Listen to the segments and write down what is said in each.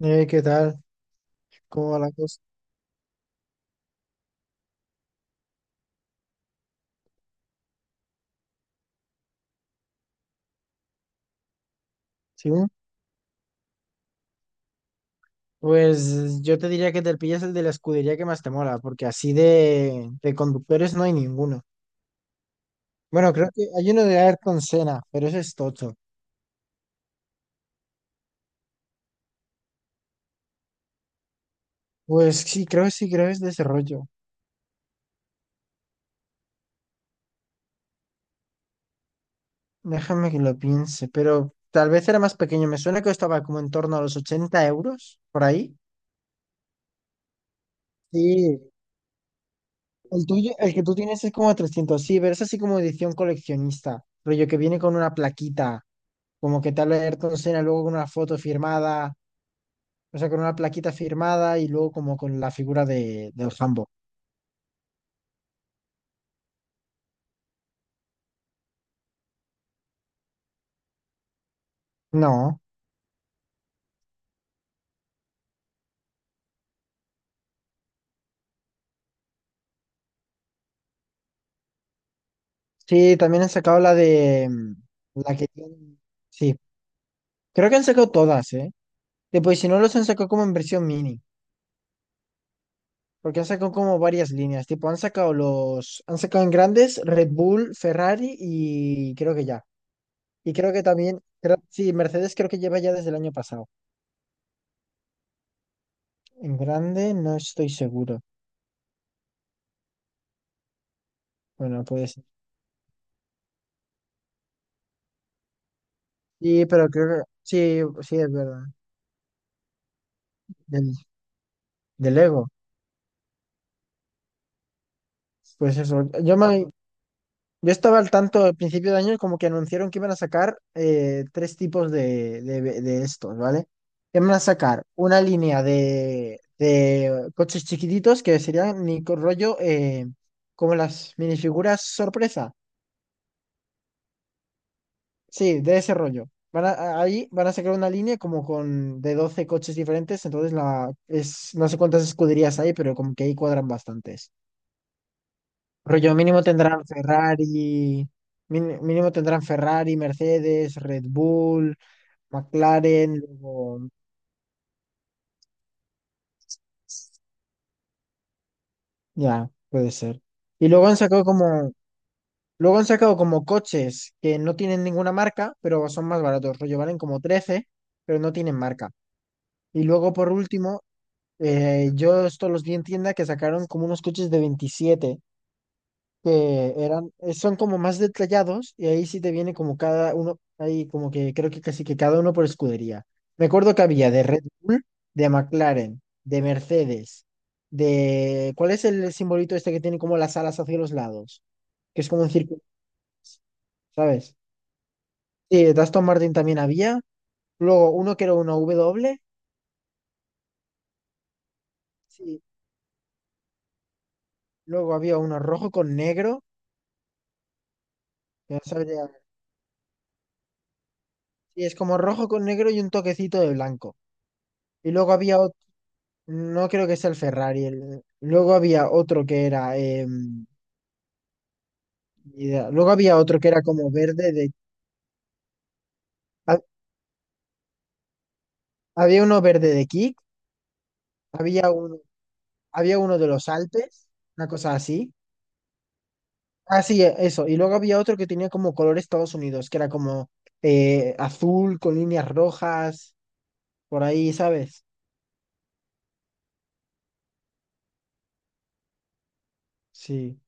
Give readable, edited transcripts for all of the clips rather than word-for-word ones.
¿Qué tal? ¿Cómo va la cosa? ¿Sí? Pues yo te diría que te pillas el de la escudería que más te mola, porque así de conductores no hay ninguno. Bueno, creo que hay uno de Ayrton Senna, pero ese es tocho. Pues sí, creo que es de ese rollo. Déjame que lo piense, pero tal vez era más pequeño. Me suena que estaba como en torno a los 80 euros, por ahí. Sí, el tuyo, el que tú tienes es como 300, sí, pero es así como edición coleccionista, rollo que viene con una plaquita, como que tal vez Ayrton Senna luego con una foto firmada, o sea, con una plaquita firmada y luego como con la figura del Hambo. No. Sí, también han sacado la de Sí, creo que han sacado todas, ¿eh? Tipo, y si no los han sacado como en versión mini, porque han sacado como varias líneas, tipo, han sacado en grandes Red Bull, Ferrari y creo que ya. Y creo que también, sí, Mercedes creo que lleva ya desde el año pasado. En grande no estoy seguro. Bueno, puede ser. Sí, pero creo que sí, sí es verdad, del, del Lego. Pues eso, yo estaba al tanto al principio de año como que anunciaron que iban a sacar tres tipos de estos, ¿vale? Iban a sacar una línea de coches chiquititos que serían ni co- rollo como las minifiguras sorpresa. Sí, de ese rollo. Ahí van a sacar una línea como con de 12 coches diferentes, entonces no sé cuántas escuderías hay, pero como que ahí cuadran bastantes. Rollo mínimo tendrán Ferrari, mínimo tendrán Ferrari, Mercedes, Red Bull, McLaren, luego, ya, puede ser. Y luego han sacado como, luego han sacado como coches que no tienen ninguna marca, pero son más baratos. Rollo valen como trece, pero no tienen marca. Y luego por último, yo esto los vi en tienda que sacaron como unos coches de 27 que eran, son como más detallados y ahí sí te viene como cada uno, ahí como que creo que casi que cada uno por escudería. Me acuerdo que había de Red Bull, de McLaren, de Mercedes, de... ¿Cuál es el simbolito este que tiene como las alas hacia los lados? Que es como un círculo, ¿sabes? Sí, de Aston Martin también había. Luego uno que era una W. Sí. Luego había uno rojo con negro, que no sabría- Sí, es como rojo con negro y un toquecito de blanco. Y luego había otro. No creo que sea el Ferrari. Luego había otro que era, ni idea. Luego había otro que era como verde de. ha- Había uno verde de Kik. Había uno, había uno de los Alpes. Una cosa así. Ah, sí, eso. Y luego había otro que tenía como color Estados Unidos, que era como azul con líneas rojas. Por ahí, ¿sabes? Sí.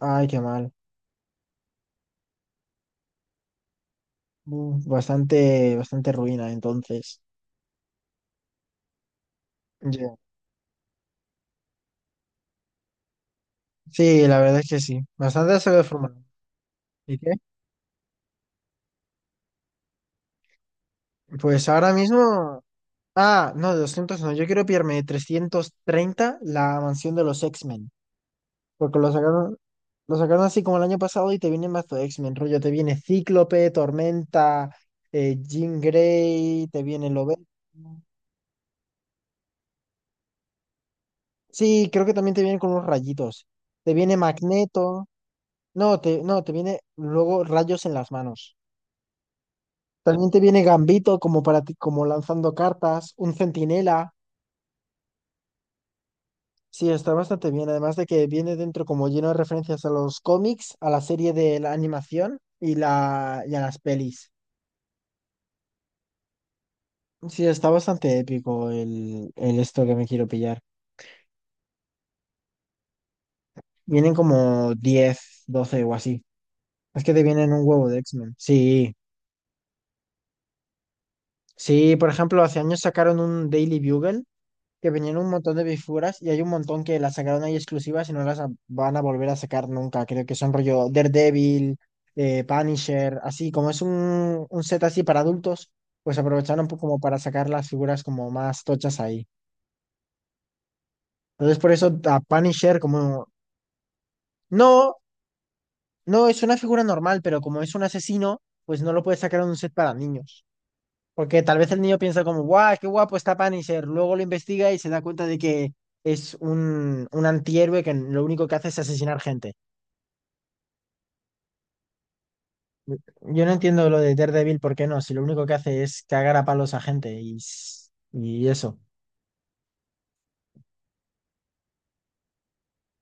Ay, qué mal. Uf, bastante, bastante ruina, entonces. Ya. Sí, la verdad es que sí. Bastante se ve formado. ¿Y qué? Pues ahora mismo. Ah, no, de 200 no. Yo quiero pillarme de 330 la mansión de los X-Men. Porque lo sacaron, lo sacaron así como el año pasado y te vienen más de X-Men. Rollo, te viene Cíclope, Tormenta, Jean Grey, te viene Lobo. Sí, creo que también te vienen con unos rayitos. Te viene Magneto. No, te viene luego rayos en las manos. También te viene Gambito como para ti, como lanzando cartas, un centinela. Sí, está bastante bien. Además de que viene dentro como lleno de referencias a los cómics, a la serie de la animación y a las pelis. Sí, está bastante épico el esto que me quiero pillar. Vienen como 10 12 o así. Es que te vienen un huevo de X-Men. Sí, sí, por ejemplo, hace años sacaron un Daily Bugle que venían un montón de figuras y hay un montón que las sacaron ahí exclusivas y no van a volver a sacar nunca. Creo que son rollo Daredevil, Punisher, así como es un set así para adultos, pues aprovecharon como para sacar las figuras como más tochas ahí. Entonces por eso a Punisher como... No, no, es una figura normal, pero como es un asesino, pues no lo puedes sacar en un set para niños. Porque tal vez el niño piensa como, guau, qué guapo está Punisher. Luego lo investiga y se da cuenta de que es un antihéroe que lo único que hace es asesinar gente. Yo no entiendo lo de Daredevil, ¿por qué no? Si lo único que hace es cagar a palos a gente y eso.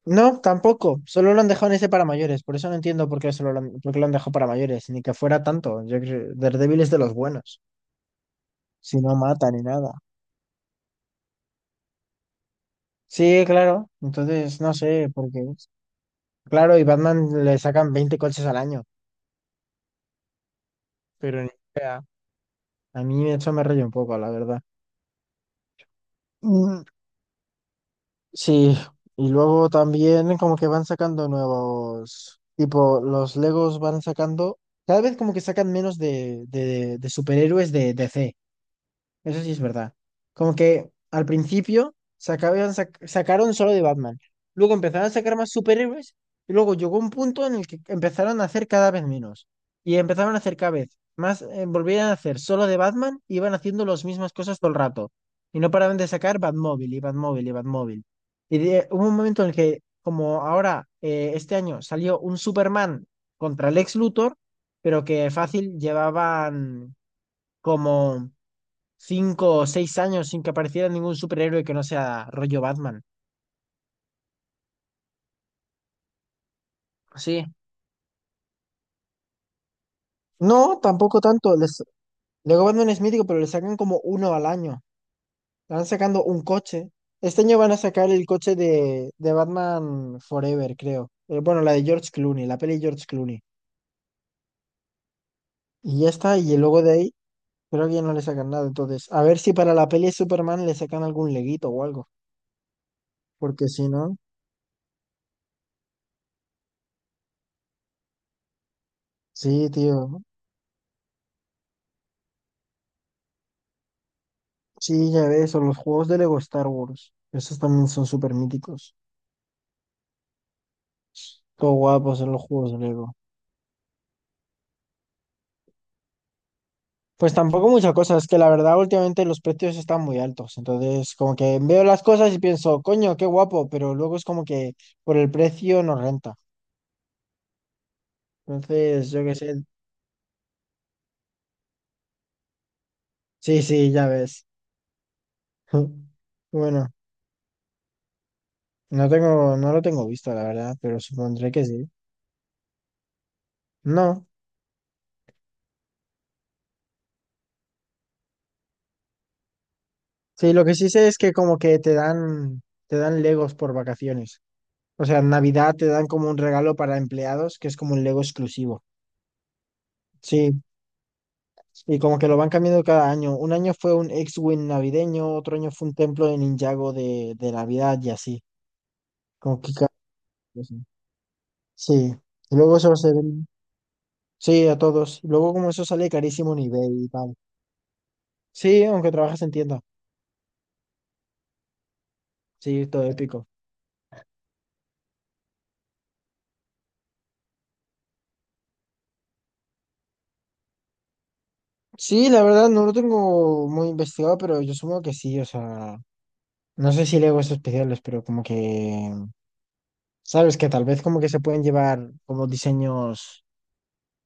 No, tampoco. Solo lo han dejado en ese para mayores. Por eso no entiendo por qué, por qué lo han dejado para mayores. Ni que fuera tanto. Yo creo, Daredevil es de los buenos. Si no mata ni nada. Sí, claro. Entonces, no sé por qué. Claro, y Batman le sacan 20 coches al año. Pero ni idea. A mí eso me raya un poco, la verdad. Mm, Sí, y luego también como que van sacando nuevos, tipo, los Legos van sacando, cada vez como que sacan menos de superhéroes de DC. Eso sí es verdad. Como que al principio sacaron solo de Batman. Luego empezaron a sacar más superhéroes. Y luego llegó un punto en el que empezaron a hacer cada vez menos. Y empezaron a hacer cada vez más, volvían a hacer solo de Batman, y iban haciendo las mismas cosas todo el rato. Y no paraban de sacar Batmóvil y Batmóvil y Batmóvil. Hubo un momento en el que, como ahora, este año salió un Superman contra Lex Luthor. Pero que fácil llevaban como 5 o 6 años sin que apareciera ningún superhéroe que no sea rollo Batman. Sí. No, tampoco tanto. Les... Luego Batman es mítico, pero le sacan como uno al año. Van sacando un coche. Este año van a sacar el coche de Batman Forever, creo. Bueno, la de George Clooney, la peli de George Clooney. Y ya está, y luego de ahí creo que ya no le sacan nada. Entonces, a ver si para la peli de Superman le sacan algún leguito o algo. Porque si no, sí, tío. Sí, ya ves, o los juegos de Lego Star Wars. Esos también son súper míticos. Todo guapos en los juegos de Lego. Pues tampoco muchas cosas, es que la verdad últimamente los precios están muy altos. Entonces, como que veo las cosas y pienso, coño, qué guapo, pero luego es como que por el precio no renta. Entonces, yo qué sé. Sí, sí, ya ves. Bueno, no lo tengo visto, la verdad, pero supondré que sí. No. Sí, lo que sí sé es que como que te dan Legos por vacaciones. O sea, en Navidad te dan como un regalo para empleados, que es como un Lego exclusivo. Sí, y como que lo van cambiando cada año. Un año fue un X-Wing navideño, otro año fue un templo de Ninjago de Navidad y así. Como que ca- Sí. Sí, y luego eso se ven. Sí, a todos. Y luego como eso sale carísimo en eBay y tal. Sí, aunque trabajas en tienda. Sí, todo épico. Sí, la verdad no lo tengo muy investigado, pero yo supongo que sí. O sea, no sé si Lego es especiales, pero como que. Sabes que tal vez como que se pueden llevar como diseños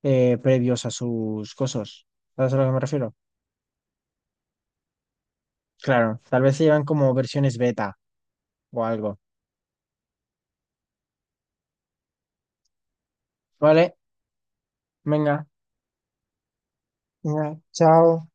previos a sus cosas. ¿Sabes a lo que me refiero? Claro, tal vez se llevan como versiones beta o algo. Vale, venga, venga, chao.